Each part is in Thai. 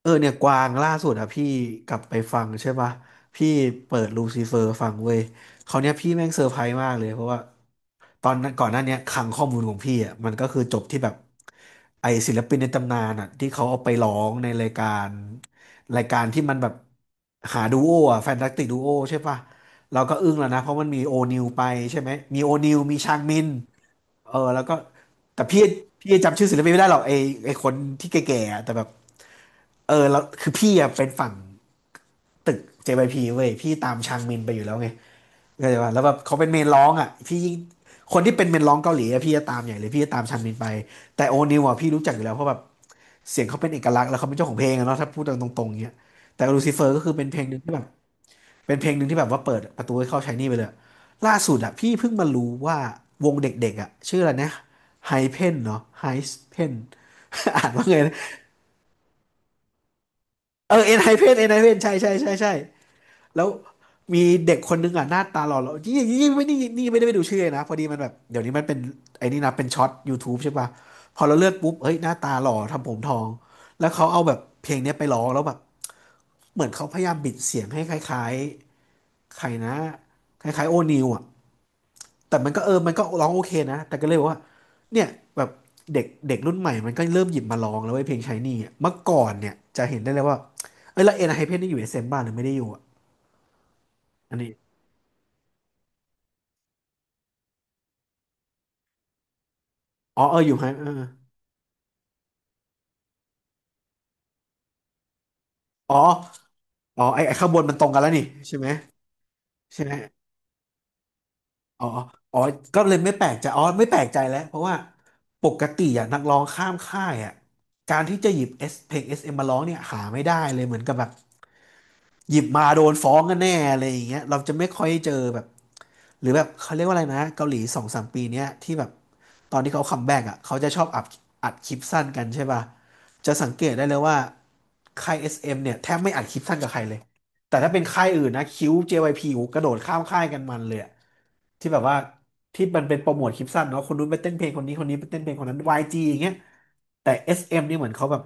เนี่ยกวางล่าสุดอะพี่กลับไปฟังใช่ปะพี่เปิดลูซิเฟอร์ฟังเว้ยเขาวเนี้ยพี่แม่งเซอร์ไพรส์มากเลยเพราะว่าตอนนั้นก่อนหน้าเนี้ยคลังข้อมูลของพี่อะมันก็คือจบที่แบบไอศิลปินในตำนานอะที่เขาเอาไปร้องในรายการรายการที่มันแบบหาดูโออะแฟนตาสติกดูโอใช่ปะเราก็อึ้งแล้วนะเพราะมันมีโอนิวไปใช่ไหมมีโอนิวมีชางมินแล้วก็แต่พี่พี่จำชื่อศิลปินไม่ได้หรอกไอไอคนที่แก่ๆอะแต่แบบ แล้วคือพี่อะเป็นฝั่งตึก JYP เว้ยพี่ตามชางมินไปอยู่แล้วไงเข้าใจป่ะแล้วแบบเขาเป็นเมนร้องอ่ะพี่ยิ่งคนที่เป็นเมนร้องเกาหลีอะพี่จะตามใหญ่เลยพี่จะตามชางมินไปแต่โอนิวอะพี่รู้จักอยู่แล้วเพราะแบบเสียงเขาเป็นเอกลักษณ์แล้วเขาเป็นเจ้าของเพลงอะเนาะถ้าพูดตรงตรงเงี้ยแต่ลูซิเฟอร์ก็คือเป็นเพลงหนึ่งที่แบบเป็นเพลงหนึ่งที่แบบว่าเปิดประตูให้เข้าชายนี่ไปเลยล่าสุดอะพี่เพิ่งมารู้ว่าวงเด็กๆอะชื่ออะไรนะไฮเพนเนาะไฮเพน อ่านว่าไงนะเอ็นไฮเพนเอ็นไฮเพนใช่ใช่ใช่ใช่ แล้วมีเด็กคนนึงอ่ะหน้าตาหล่อหล่อนี่นี่ไม่นี่นี่ไม่ได้ไปดูชื่อเลยนะพอดีมันแบบเดี๋ยวนี้มันเป็นไอ้นี่นะเป็นช็อต YouTube ใช่ป่ะพอเราเลือกปุ๊บเฮ้ยหน้าตาหล่อทำผมทองแล้วเขาเอาแบบเพลงเนี้ยไปร้องแล้วแบบเหมือนเขาพยายามบิดเสียงให้คล้ายๆใครนะคล้ายๆโอนิวอ่ะแต่มันก็มันก็ร้องโอเคนะแต่ก็เลยบอกว่าเนี่ยแบบเด็กเด็กรุ่นใหม่มันก็เริ่มหยิบมาร้องแล้วไอ้ยเพลงชายนี่อะเมื่อก่อนเนี่ยจะเห็นได้เลยว่าเอ้ยแล้วเอ็นไฮเพนนี่อยู่เอสเอ็มบ้านหรือไม่ได้อยู่อะอันนี้อ๋ออยู่ไฮอ๋อ อ๋อไอ้ไอ้ข้างบนมันตรงกันแล้วนี่ใช่ไหมใช่ไหมอ๋อ อ๋อ ก็เลยไม่แปลกใจอ๋อไม่แปลกใจแล้วเพราะว่าปกติอ่ะนักร้องข้ามค่ายอ่ะการที่จะหยิบเอสเพลงเอสเอ็มมาร้องเนี่ยหาไม่ได้เลยเหมือนกับแบบ หยิบมาโดนฟ้องกันแน่อะไรอย่างเงี้ยเราจะไม่ค่อยเจอแบบหรือแบบเขาเรียกว่าอะไรนะเกาหลีสองสามปีเนี้ยที่แบบตอนที่เขาคัมแบ็กอ่ะเขาจะชอบอัดอัดคลิปสั้นกันใช่ป่ะจะสังเกตได้เลยว่าค่าย SM เอ็มเนี่ยแทบไม่อัดคลิปสั้นกับใครเลยแต่ถ้าเป็นค่ายอื่นนะคิว JYP โอ้โหกระโดดข้ามค่ายกันมันเลยอะที่แบบว่าที่มันเป็นโปรโมทคลิปสั้นเนาะคนนู้นไปเต้นเพลงคนนี้คนนี้ไปเต้นเพลงคนนั้นวายจีอย่างเงี้ยแต่เอสเอ็มนี่เหมือนเขาแบบ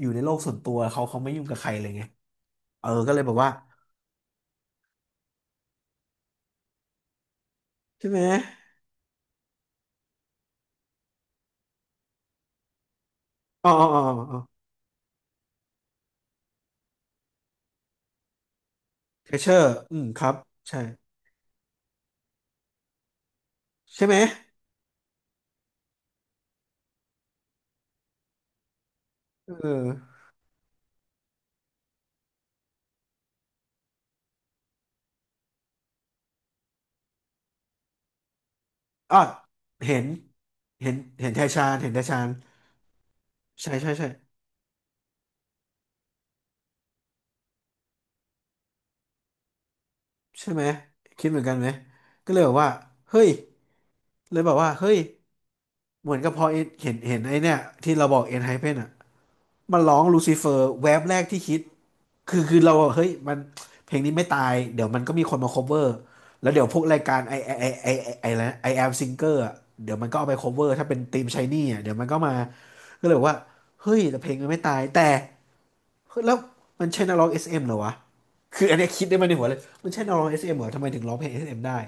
อยู่ในโลกส่วนตัวเขาเขาไม่ยุ่งกับใครเลยไงก็เลยแบบว่า ใช่ไหมอ๋ออ๋ออ๋ออ๋อเทเชอร์อืมครับใช่ใช่ไหมเอออ่ะเห็นเห็นเห็นไทชานเห็นไทชานใช่ใช่ใช่ใช่ไหมคิดเหมือนกันไหมก็เลยบอกว่าเฮ้ยเลยบอกว่าเฮ้ยเหมือนกับพอเห็นเห็นไอ้เนี่ยที่เราบอกเอ็นไฮเพนอ่ะ มันร้องลูซิเฟอร์แวบแรกที่คิดคือคือเราเฮ้ยมันเพลงนี้ไม่ตายเดี๋ยวมันก็มีคนมา cover แล้วเดี๋ยวพวกรายการไอไอไอไอไอไอนะไอแอมซิงเกอร์เดี๋ยวมันก็เอาไป cover ถ้าเป็นทีมชายนี่อะเดี๋ยวมันก็มาก็เลยบอกว่าเฮ้ยแต่เพลงมันไม่ตายแต่เฮ้ยแล้วมันใช่นักร้อง SM เอ็มเหรอวะคืออันเนี้ยคิดได้มาในหัวเลยมันใช่นักร้อง SM เอ็มเหรอทำไมถึงร้องเพลง SM ได้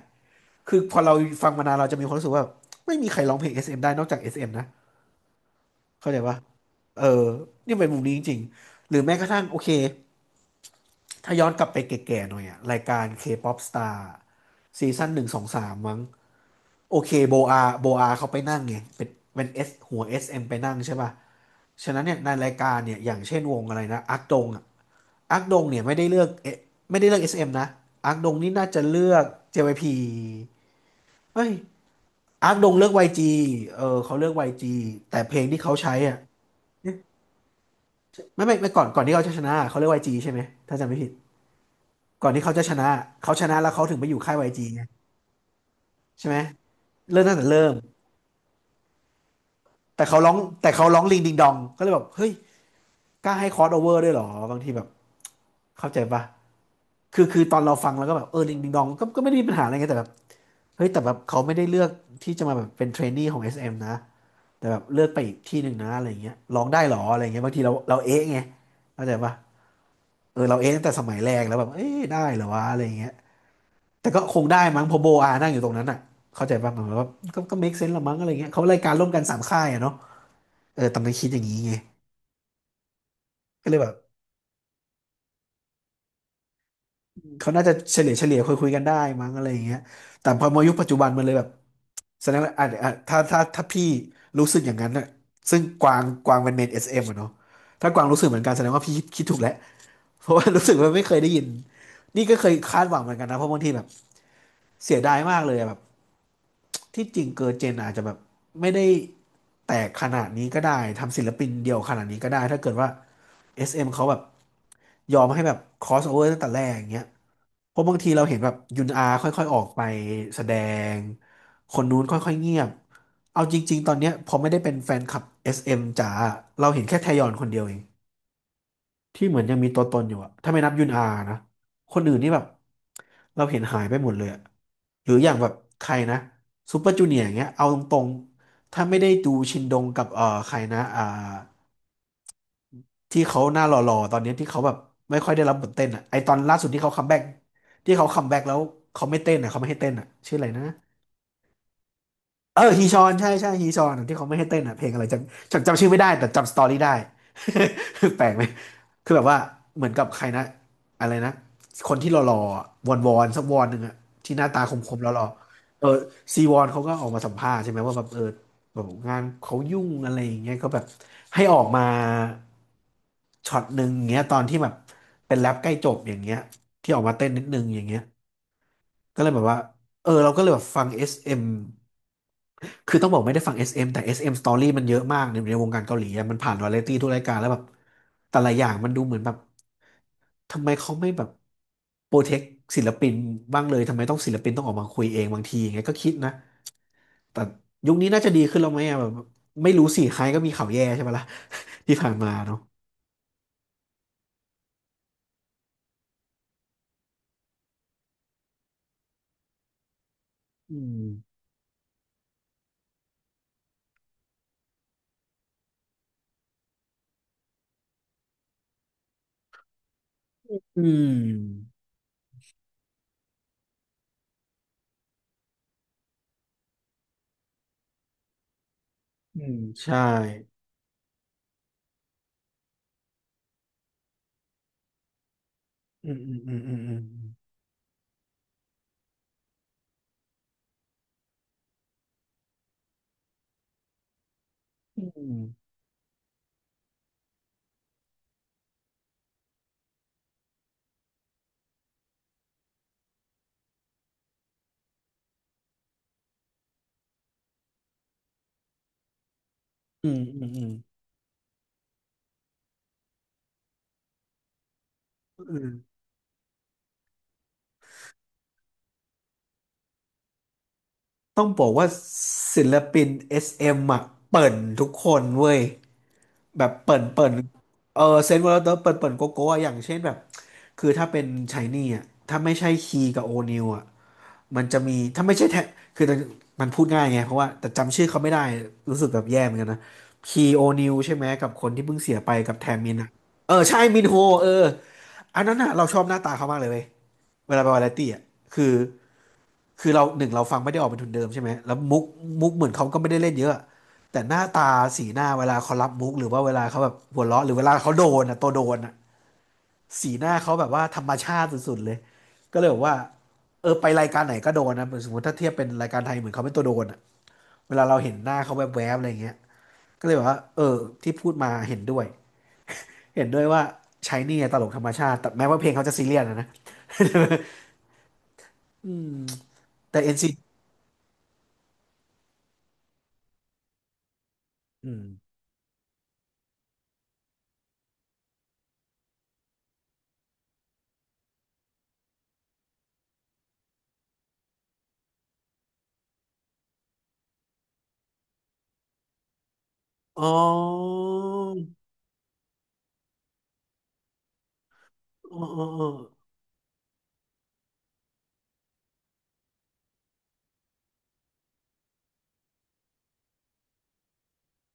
คือพอเราฟังมานานเราจะมีความรู้สึกว่าไม่มีใครร้องเพลงเอสเอ็มได้นอกจากเอสเอ็มนะ เข้าใจปะเออนี่เป็นมุมนี้จริงๆ หรือแม้กระทั่งโอเค ถ้าย้อนกลับไปแก่ๆหน่อยอะรายการ K-pop Star ซีซั่นหนึ่งสองสามมั้งโอเคโบอาโบอาเขาไปนั่งไงเป็นเป็นเอสหัวเอสเอ็มไปนั่งใช่ป่ะฉะนั้นเนี่ยในรายการเนี่ยอย่างเช่นวงอะไรนะอักดงอะอักดงเนี่ยไม่ได้เลือกเอไม่ได้เลือกเอสเอ็มนะอักดงนี่น่าจะเลือก JYP เฮ้ยอักดงเลือก YG เออเขาเลือกวายจีแต่เพลงที่เขาใช้อ่ะ ไม่ก่อนที่เขาจะชนะเขาเรียกวายจ g ใช่ไหมถ้าจำไม่ผิดก่อนที่เขาจะชนะเขาชนะแล้วเขาถึงไปอยู่ค่าย YG ไงใช่ไหมเริ่มตั้งแต่เริ่มแต่เขาร้องแต่เขาร้องลิงดิงดองก็เลยแบบเฮ้ยกล้าให้คอสโอเวอร์ด้วยเหรอบางทีแบบเข้าใจปะคือตอนเราฟังแล้วก็แบบเออลิงดิงดองก็ไม่ได้มีปัญหาอะไรไงแต่แบบเฮ้ยแต่แบบเขาไม่ได้เลือกที่จะมาแบบเป็นเทรนนีของเอสเอ็มนะแต่แบบเลือกไปอีกที่หนึ่งนะอะไรอย่างเงี้ยร้องได้เหรออะไรอย่างเงี้ยบางทีเราเอ๊ะไงเข้าใจปะเออเราเอ๊ะตั้งแต่สมัยแรกแล้วแบบเอ๊ะได้เหรอวะอะไรอย่างเงี้ย แต่ก็คงได้มั้งเพอโบอานั่งอยู่ตรงนั้นอ่ะเข้าใจบ้ามัหมว่าก็ make sense ละมั้งอะไรเงี้ยเขารายการร่วมกันสามค่ายอะเนาะเออตอนนั้นคิดอย่างนี้ไงก็เลยแบบเขาน่าจะเฉลี่ยคุยกันได้มั้งอะไรอย่างเงี้ยแต่พอมายุคปัจจุบันมันเลยแบบแสดงว่าอ่ะถ้าพี่รู้สึกอย่างนั้นน่ะซึ่งกวางเป็นเมนเอสเอ็มอะเนาะถ้ากวางรู้สึกเหมือนกันแสดงว่าพี่คิดถูกแล้วเพราะว่า รู้สึกว่าไม่เคยได้ยินนี่ก็เคยคาดหวังเหมือนกันนะเพราะบางทีแบบเสียดายมากเลยอะแบบ ที่จริงเกิร์ลเจนอาจจะแบบไม่ได้แตกขนาดนี้ก็ได้ทำศิลปินเดียวขนาดนี้ก็ได้ถ้าเกิดว่า SM เอ็มเขาแบบยอมให้แบบ cross over ตั้งแต่แรกอย่างเงี้ยเพราะบางทีเราเห็นแบบยุนอาค่อยๆออกไปแสดงคนนู้นค่อยๆเงียบเอาจริงๆตอนเนี้ยพอไม่ได้เป็นแฟนคลับ SM จ๋าเราเห็นแค่แทยอนคนเดียวเอง ที่เหมือนยังมีตัวตนอยู่อะถ้าไม่นับยุนอานะคนอื่นนี่แบบเราเห็นหายไปหมดเลยอะหรืออย่างแบบใครนะซูเปอร์จูเนียร์อย่างเงี้ยเอาตรงๆถ้าไม่ได้ดูชินดงกับใครนะที่เขาหน้าหล่อๆตอนเนี้ยที่เขาแบบไม่ค่อยได้รับบทเต้นอะไอตอนล่าสุดที่เขาคัมแบ็กที่เขาคัมแบ็กแล้วเขาไม่เต้นอะเขาไม่ให้เต้นอะชื่ออะไรนะ เออฮีชอนใช่ใช่ฮีชอนที่เขาไม่ให้เต้นอ่ะเพลงอะไรจำชื่อไม่ได้แต่จำสตอรี่ได้ แปลกไหมคือแบบว่าเหมือนกับใครนะอะไรนะคนที่หล่อๆอะวอนวอนสักวอนหนึ่งอ่ะที่หน้าตาคมๆหล่อๆเออซีวอนเขาก็ออกมาสัมภาษณ์ใช่ไหมว่าแบบเออแบบงานเขายุ่งอะไรอย่างเงี้ยก็แบบให้ออกมาช็อตหนึ่งอย่างเงี้ยตอนที่แบบเป็นแรปใกล้จบอย่างเงี้ยที่ออกมาเต้นนิดนึงอย่างเงี้ยก็เลยแบบว่าเออเราก็เลยแบบฟัง SM คือต้องบอกไม่ได้ฟัง SM แต่ SM Story มันเยอะมากในในวงการเกาหลีอะมันผ่านวาไรตี้ทุกรายการแล้วแบบแต่ละอย่างมันดูเหมือนแบบทำไมเขาไม่แบบโปรเทคศิลปินบ้างเลยทำไมต้องศิลปินต้องออกมาคุยเองบางทีอย่างเงี้ยก็คิดนะแต่ยุคนี้น่าจะดีขึ้นแล้วไหมอะแบบไม่รู้สิใครก็มีข่าวแย่ใช่ไหมล่ะ ที่ผ่านมาเนาะอืมอืมอืมใช่อืมอืมอืมอืมอืมอืมอืมอืมอืม ต้องบอกว่าศิลปิน SM อ่ะเปิ่นทุกคนเว้ยแบบเปิ่นเปิ่นเออเซนต์วอลเตอร์เปิ่นเปิ่นโกโก้อะอย่างเช่นแบบคือถ้าเป็นชายนี่อ่ะถ้าไม่ใช่คีกับโอนิวอ่ะมันจะมีถ้าไม่ใช่แทคือมันพูดง่ายไงเพราะว่าแต่จำชื่อเขาไม่ได้รู้สึกแบบแย่เหมือนกันนะคีโอนิวใช่ไหมกับคนที่เพิ่งเสียไปกับแทมมินอ่ะเออใช่มินโฮเอออันนั้นอ่ะเราชอบหน้าตาเขามากเลยเว้ยเวลาไปวาไรตี้อ่ะคือ คือเราหนึ่งเราฟังไม่ได้ออกเป็นทุนเดิมใช่ไหมแล้วมุกเหมือนเขาก็ไม่ได้เล่นเยอะแต่หน้าตาสีหน้าเวลาเขารับมุกหรือว่าเวลาเขาแบบหัวเราะหรือเวลาเขาโดนอ่ะตัวโดนอ่ะสีหน้าเขาแบบว่าธรรมชาติสุดๆเลยก็เลยบอกว่าเออไปรายการไหนก็โดนนะเหมือนสมมติถ้าเทียบเป็นรายการไทยเหมือนเขาเป็นตัวโดนอ่ะเวลาเราเห็นหน้าเขาแวบๆอะไรเงี้ยก็เลยบอกว่าเออที่พูดมาเห็นด้วยเห็นด้วยว่าใช้นี่ตลกธรรมชาติแต่แม้ว่าเพลงเขาจะซีเรียสนะนะ แต่ n อนซีอืมอออ๋ออ๋ออ๋อ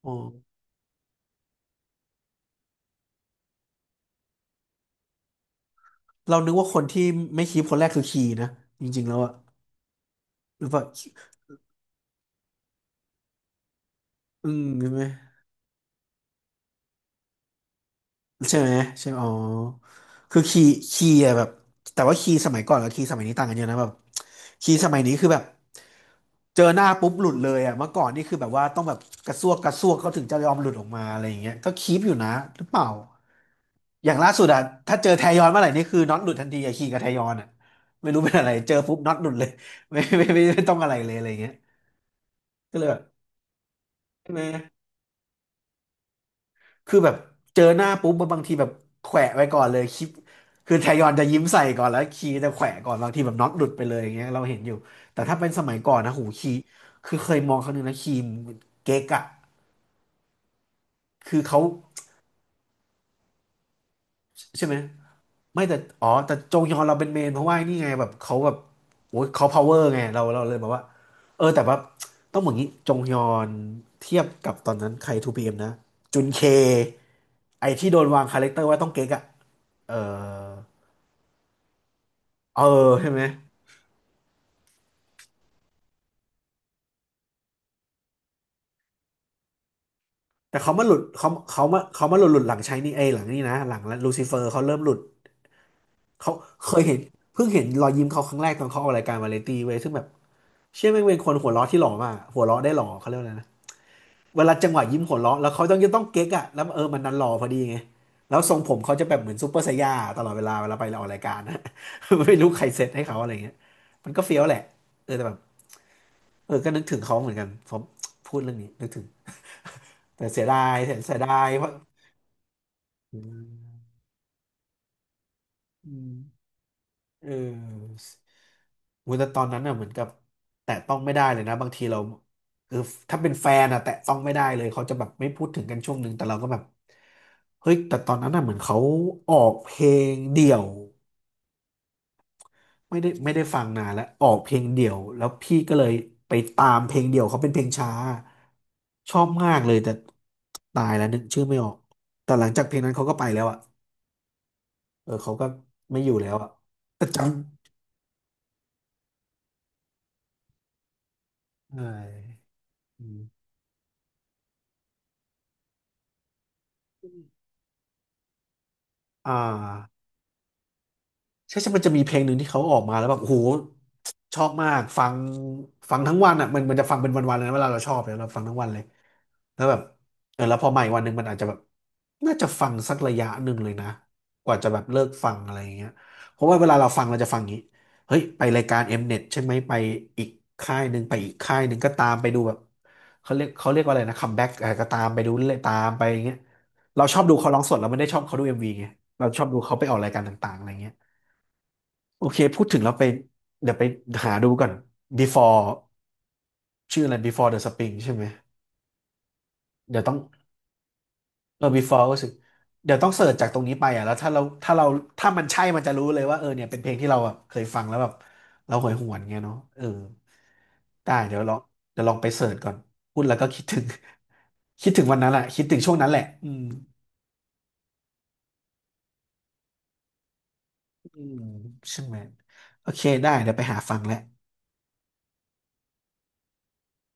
อ๋อเรานึกว่าคนที่ไม่คีปคนแรกคือคีนะจริงๆแล้วอะหรือว่าอืมใช่ไหมใช่อ๋อคือคีคีอะแบบแต่ว่าคีสมัยก่อนกับคีสมัยนี้ต่างกันเยอะนะแบบคีสมัยนี้คือแบบเจอหน้าปุ๊บหลุดเลยอะเมื่อก่อนนี่คือแบบว่าต้องแบบกระซวกเขาถึงจะยอมหลุดออกมาอะไรอย่างเงี้ยก็คีปอยู่นะหรือเปล่าอย่างล่าสุดอะถ้าเจอแทยอนเมื่อไหร่นี่คือน็อตหลุดทันทีอะคีกับแทยอนอะไม่รู้เป็นอะไรเจอปุ๊บน็อตหลุดเลยไม่ต้องอะไรเลยอะไรอย่างเงี้ยก็เลยแบบใช่ไหม คือแบบเจอหน้าปุ๊บมันบางทีแบบแขวะไว้ก่อนเลยคลิปคือแทยอนจะยิ้มใส่ก่อนแล้วคีจะแขวะก่อนบางทีแบบน็อตหลุดไปเลยอย่างเงี้ยเราเห็นอยู่แต่ถ้าเป็นสมัยก่อนนะหูคีคือเคยมองครั้งหนึงนะคีมเก๊กอะคือเขาใช่ไหมไม่แต่อ๋อแต่จงยอนเราเป็นเมนเพราะว่านี่ไงแบบเขาแบบโอ้ยเขาพาวเวอร์ไงเราเลยแบบว่าเออแต่ว่าต้องบอกงี้จงยอนเทียบกับตอนนั้นใครทูพีเอ็มนะจุนเคไอที่โดนวางคาแรคเตอร์ว่าต้องเก๊กอะเออ เออใช่ไหมแต่เขามาหลุดเขาเขามาเขามาหลุดหลุดหลังใช้นี่เอยหลังนี่นะหลังลูซิเฟอร์เขาเริ่มหลุดเขาเคยเห็นเพิ่งเห็นรอยยิ้มเขาครั้งแรกตอนเขาออกรายการวาไรตี้เว้ยซึ่งแบบเชื่อแม่งเป็นคนหัวเราะที่หล่อมากหัวเราะได้หล่อเขาเรียกว่าอะไรนะเวลาจังหวะยิ้มหัวเราะแล้วเขาต้องจะต้องเก๊กอะแล้วเออมันดันหล่อพอดีไงแล้วทรงผมเขาจะแบบเหมือนซูเปอร์ไซย่าตลอดเวลาเวลาไปออกรายการนะ ไม่รู้ใครเซตให้เขาอะไรเงี้ยมันก็เฟี้ยวแหละเออแต่แบบเออก็นึกถึงเขาเหมือนกันผมพูดเรื่องนี้นึกถึงแต่เสียดายเพราะ อืมเออโอ้ยแต่ตอนนั้นน่ะเหมือนกับแตะต้องไม่ได้เลยนะบางทีเราคือถ้าเป็นแฟนอะแตะต้องไม่ได้เลยเขาจะแบบไม่พูดถึงกันช่วงหนึ่งแต่เราก็แบบเฮ้ยแต่ตอนนั้นน่ะเหมือนเขาออกเพลงเดี่ยวไม่ได้ฟังนานแล้วออกเพลงเดี่ยวแล้วพี่ก็เลยไปตามเพลงเดี่ยวเขาเป็นเพลงช้าชอบมากเลยแต่ตายแล้วนึกชื่อไม่ออกแต่หลังจากเพลงนั้นเขาก็ไปแล้วอะเออเขาก็ไม่อยู่แล้วอะแต่จำใช่ อ่าใช่ใช่มันจะมีเพลงหนึ่งที่เขาออกมาแล้วแบบโอ้โหชอบมาก ฟัง ฟังทั้งวันอ่ะ มันจะฟังเป็นวันๆเลยนะเวลาเราชอบเนี่ยเราฟังทั้งวันเลย แล้วแบบเออแล้วพอใหม่วันหนึ่งมันอาจจะแบบน่าจะฟังสักระยะหนึ่งเลยนะกว่าจะแบบเลิกฟังอะไรอย่างเงี้ยเพราะว่าเวลาเราฟังเราจะฟังอย่างงี้เฮ้ยไปรายการเ n e ตใช่ไหมไปอีกค่ายหนึ่งไปอีกค่ายหนึ่งก็ตามไปดูแบบเขาเรียกว่าอะไรนะคัมแบ็กอะไรก็ตามไปดูเรื่อยๆตามไปอย่างเงี้ยเราชอบดูเขาร้องสดเราไม่ได้ชอบเขาดูเอ็มวีไงเราชอบดูเขาไปออกรายการต่างๆอะไรเงี้ยโอเคพูดถึงแล้วไปเดี๋ยวไปหาดูก่อน Before ชื่ออะไร Before the Spring ใช่ไหมเดี๋ยวต้อง เออ before ก็รู้สึกเดี๋ยวต้องเสิร์ชจากตรงนี้ไปอ่ะแล้วถ้าเราถ้ามันใช่มันจะรู้เลยว่าเออเนี่ยเป็นเพลงที่เราแบบเคยฟังแล้วแบบเราหวยหวนเงี้ยเนาะเออ ได้เดี๋ยวลองเดี๋ยวลองไปเสิร์ชก่อน พูดแล้วก็คิดถึง คิดถึงวันนั้นแหละคิดถึงช่วงนั้นแหละ อืมใช่ไหมโอเคได้เดี๋ยวไปหาฟังแหละ